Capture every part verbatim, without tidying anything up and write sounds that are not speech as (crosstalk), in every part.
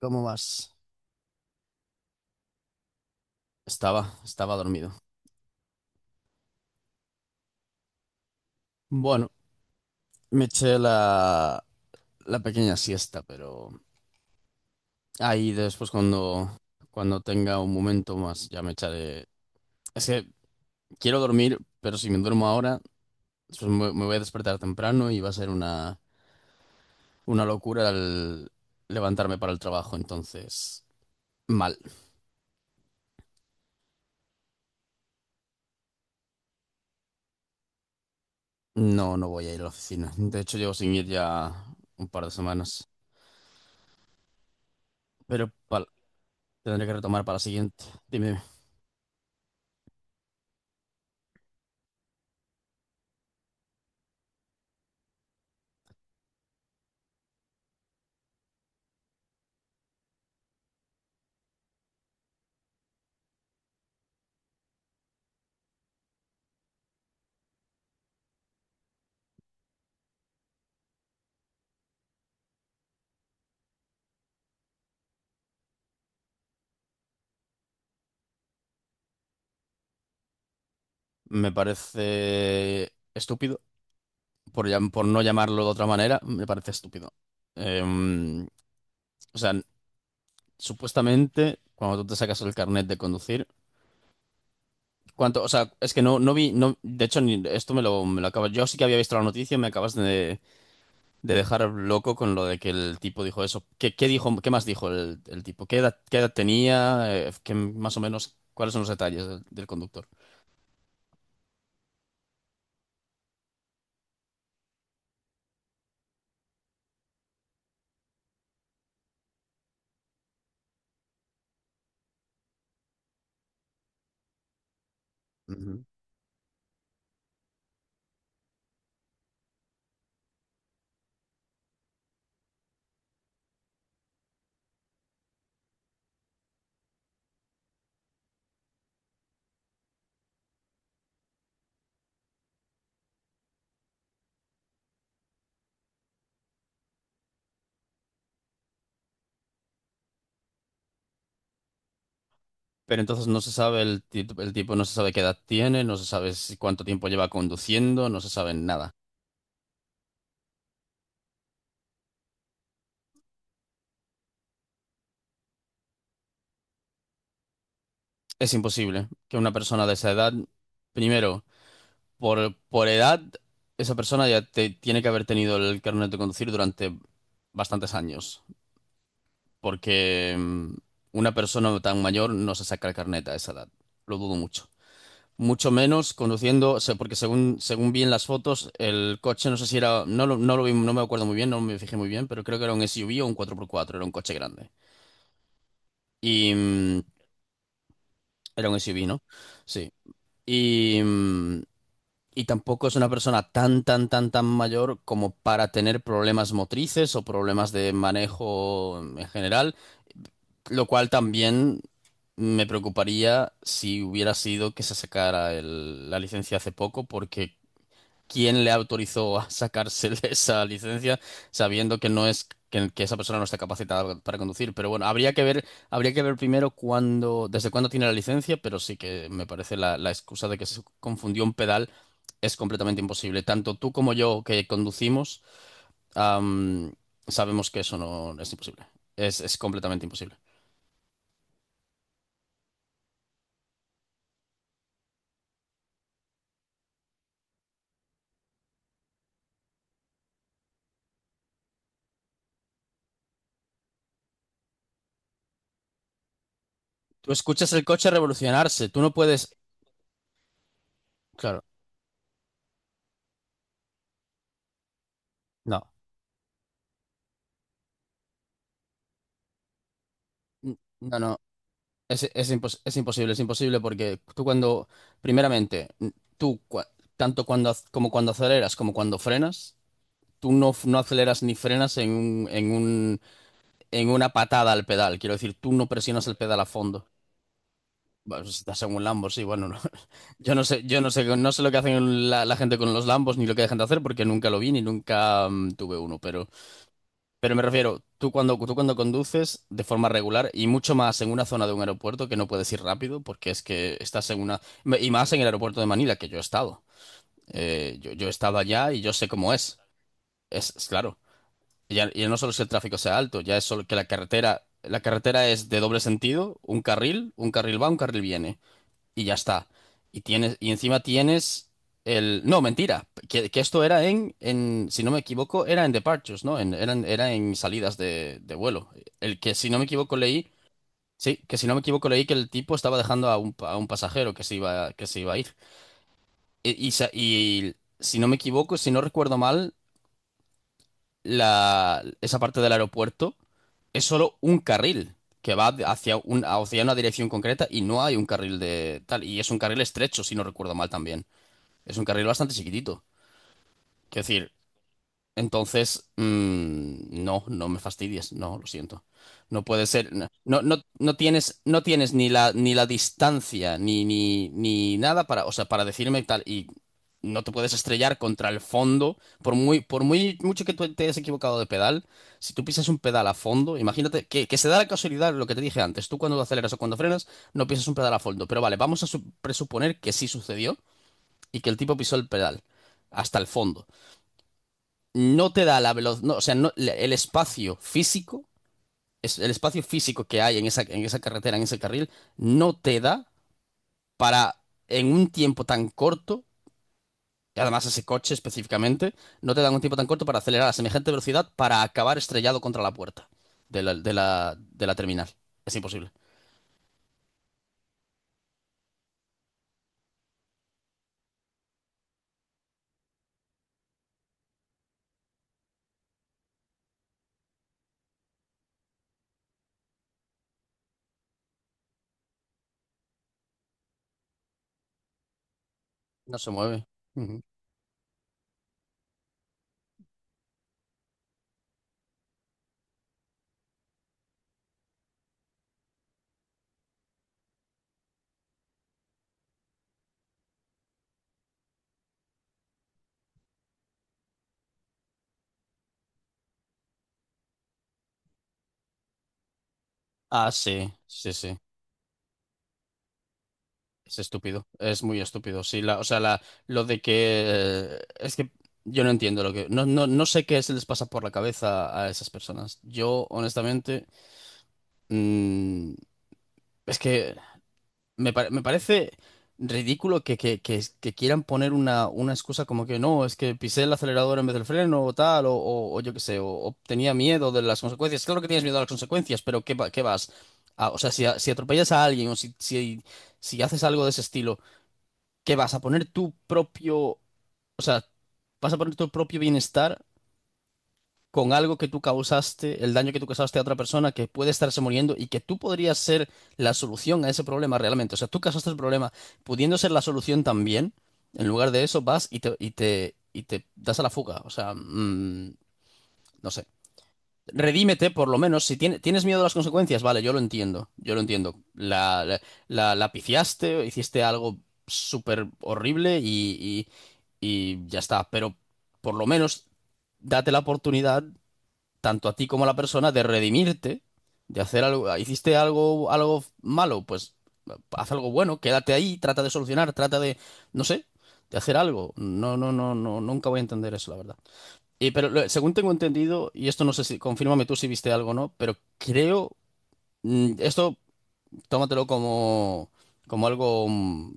¿Cómo vas? Estaba, estaba dormido. Bueno, me eché la, la pequeña siesta, pero ahí después cuando, cuando tenga un momento más ya me echaré. Es que quiero dormir, pero si me duermo ahora, pues me, me voy a despertar temprano y va a ser una, una locura el levantarme para el trabajo. Entonces, mal. No, no voy a ir a la oficina. De hecho, llevo sin ir ya un par de semanas. Pero pal- tendré que retomar para la siguiente. Dime. Me parece estúpido, por, llam- por no llamarlo de otra manera, me parece estúpido. Em, o sea, supuestamente, cuando tú te sacas el carnet de conducir, ¿cuánto? O sea, es que no, no vi, no, de hecho, ni, esto me lo, me lo acabas. Yo sí que había visto la noticia, me acabas de, de dejar loco con lo de que el tipo dijo eso. ¿Qué, qué dijo, qué más dijo el, el tipo? ¿Qué edad, qué edad tenía? Eh, ¿qué- más o menos, ¿cuáles son los detalles del, del conductor? Pero entonces no se sabe el, ti- el tipo, no se sabe qué edad tiene, no se sabe si- cuánto tiempo lleva conduciendo, no se sabe nada. Es imposible que una persona de esa edad, primero, por, por edad, esa persona ya te- tiene que haber tenido el carnet de conducir durante bastantes años, porque mm, una persona tan mayor no se saca el carnet a esa edad. Lo dudo mucho. Mucho menos conduciendo, o sea, porque según, según vi en las fotos, el coche no sé si era, no lo, no lo vi, no me acuerdo muy bien, no me fijé muy bien, pero creo que era un S U V o un cuatro por cuatro era un coche grande. Y mm, era un S U V, ¿no? Sí. Y, mm, y tampoco es una persona tan, tan, tan, tan mayor como para tener problemas motrices o problemas de manejo en general, lo cual también me preocuparía si hubiera sido que se sacara el- la licencia hace poco, porque quién le autorizó a sacarse (laughs) esa licencia sabiendo que no es que, que esa persona no está capacitada para conducir. Pero bueno, habría que ver, habría que ver primero cuándo, desde cuándo tiene la licencia, pero sí que me parece la, la excusa de que se confundió un pedal es completamente imposible. Tanto tú como yo que conducimos, am, sabemos que eso no no es imposible. Es, es completamente imposible. Tú escuchas el coche revolucionarse, tú no puedes... Claro, no. No, no. Es, es, impos- es imposible, es imposible porque tú cuando, primeramente, n- tú cua- tanto cuando ac- como cuando aceleras como cuando frenas, tú no, f- no aceleras ni frenas en un, en un, en una patada al pedal. Quiero decir, tú no presionas el pedal a fondo. Bueno, si estás en un Lambo, sí, bueno, no. (laughs) Yo no sé, yo no sé, no sé lo que hacen la, la gente con los Lambos ni lo que dejan de hacer porque nunca lo vi ni nunca mm, tuve uno, pero me refiero, tú cuando, tú cuando conduces de forma regular y mucho más en una zona de un aeropuerto que no puedes ir rápido porque es que estás en una... Y más en el aeropuerto de Manila, que yo he estado. Eh, yo, yo he estado allá y yo sé cómo es. Es, es claro. Ya, ya no solo es que el tráfico sea alto, ya es solo que la carretera... La carretera es de doble sentido, un carril, un carril va, un carril viene y ya está. Y tienes, y encima tienes el. No, mentira. Que, que esto era en, en, si no me equivoco, era en departures, ¿no? En, eran, era en salidas de, de vuelo. El que, si no me equivoco, leí. Sí, que si no me equivoco, leí que el tipo estaba dejando a un, pa- a un pasajero que se iba, que se iba a ir. Y, y, sa- y si no me equivoco, si no recuerdo mal, la, esa parte del aeropuerto es solo un carril que va hacia, un, hacia una dirección concreta y no hay un carril de tal. Y es un carril estrecho, si no recuerdo mal también. Es un carril bastante chiquitito. Quiero decir, entonces, mm, no, no me fastidies. No, lo siento. No puede ser. No, no, no no tienes, no tienes ni la, ni la distancia, ni, ni, ni nada para, o sea, para decirme tal. Y no te puedes estrellar contra el fondo. Por muy, por muy mucho que tú te hayas equivocado de pedal, si tú pisas un pedal a fondo, imagínate que, que se da la casualidad lo que te dije antes. Tú cuando aceleras o cuando frenas, no pisas un pedal a fondo. Pero vale, vamos a su- presuponer que sí sucedió y que el tipo pisó el pedal hasta el fondo. No te da la velocidad, no, o sea, no- el espacio físico, es, el espacio físico que hay en esa, en esa carretera, en ese carril, no te da para, en un tiempo tan corto, y además ese coche específicamente, no te da un tiempo tan corto para acelerar a semejante velocidad para acabar estrellado contra la puerta de la, de la, de la terminal. Es imposible. No se mueve. Ujú. Ah, sí, sí, sí. Es estúpido, es muy estúpido. Sí, la, o sea, la, lo de que eh, es que yo no entiendo lo que no, no, no sé qué se les pasa por la cabeza a esas personas. Yo, honestamente, mm, es que me, pare- me parece ridículo que, que, que, que quieran poner una, una excusa como que no, es que pisé el acelerador en vez del freno o tal, o, o, o yo qué sé, o, o tenía miedo de las consecuencias. Claro que tienes miedo a las consecuencias, pero ¿qué, va- qué vas? Ah, o sea, si, a- si atropellas a alguien o si, si si haces algo de ese estilo que vas a poner tu propio, o sea, vas a poner tu propio bienestar con algo que tú causaste, el daño que tú causaste a otra persona que puede estarse muriendo y que tú podrías ser la solución a ese problema realmente. O sea, tú causaste el problema pudiendo ser la solución también. En lugar de eso vas y te, y te, y te das a la fuga. O sea, mm, no sé. Redímete, por lo menos. Si tiene- tienes miedo a las consecuencias, vale, yo lo entiendo. Yo lo entiendo. La, la, la- la pifiaste, hiciste algo súper horrible y, y- y ya está. Pero por lo menos date la oportunidad, tanto a ti como a la persona, de redimirte, de hacer algo. Hiciste algo, algo malo, pues haz algo bueno, quédate ahí, trata de solucionar, trata de, no sé, de hacer algo. No, no, no, no, nunca voy a entender eso, la verdad. Y pero lo- según tengo entendido, y esto no sé si, confírmame tú si viste algo o no, pero creo, mm, esto tómatelo como, como algo, mm,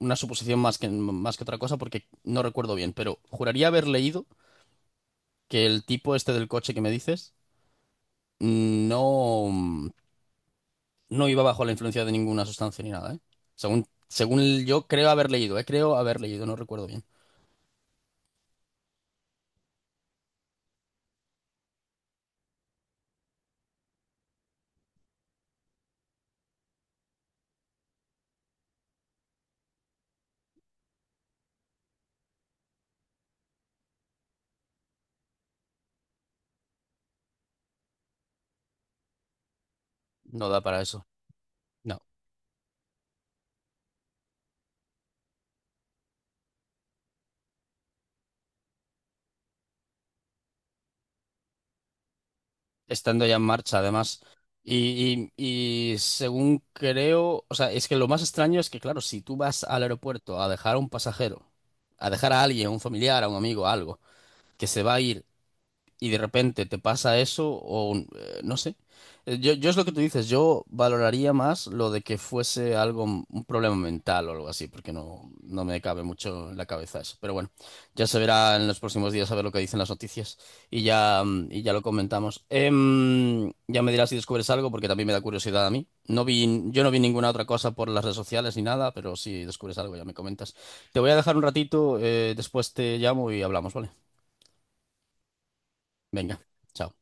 una suposición más que, más que otra cosa, porque no recuerdo bien, pero juraría haber leído que el tipo este del coche que me dices mm, no, mm, no iba bajo la influencia de ninguna sustancia ni nada, ¿eh? Según, según yo creo haber leído, ¿eh? Creo haber leído, no recuerdo bien. No da para eso. No. Estando ya en marcha, además. Y, y, y según creo, o sea, es que lo más extraño es que, claro, si tú vas al aeropuerto a dejar a un pasajero, a dejar a alguien, a un familiar, a un amigo, a algo, que se va a ir y de repente te pasa eso o un- eh, no sé. Eh, Yo, yo es lo que tú dices, yo valoraría más lo de que fuese algo, un problema mental o algo así, porque no, no me cabe mucho en la cabeza eso. Pero bueno, ya se verá en los próximos días a ver lo que dicen las noticias y ya, mm, y ya lo comentamos. Em, ya me dirás si descubres algo, porque también me da curiosidad a mí. No vi, yo no vi ninguna otra cosa por las redes sociales ni nada, pero si descubres algo ya me comentas. Te voy a dejar un ratito, eh, después te llamo y hablamos, ¿vale? Venga, chao.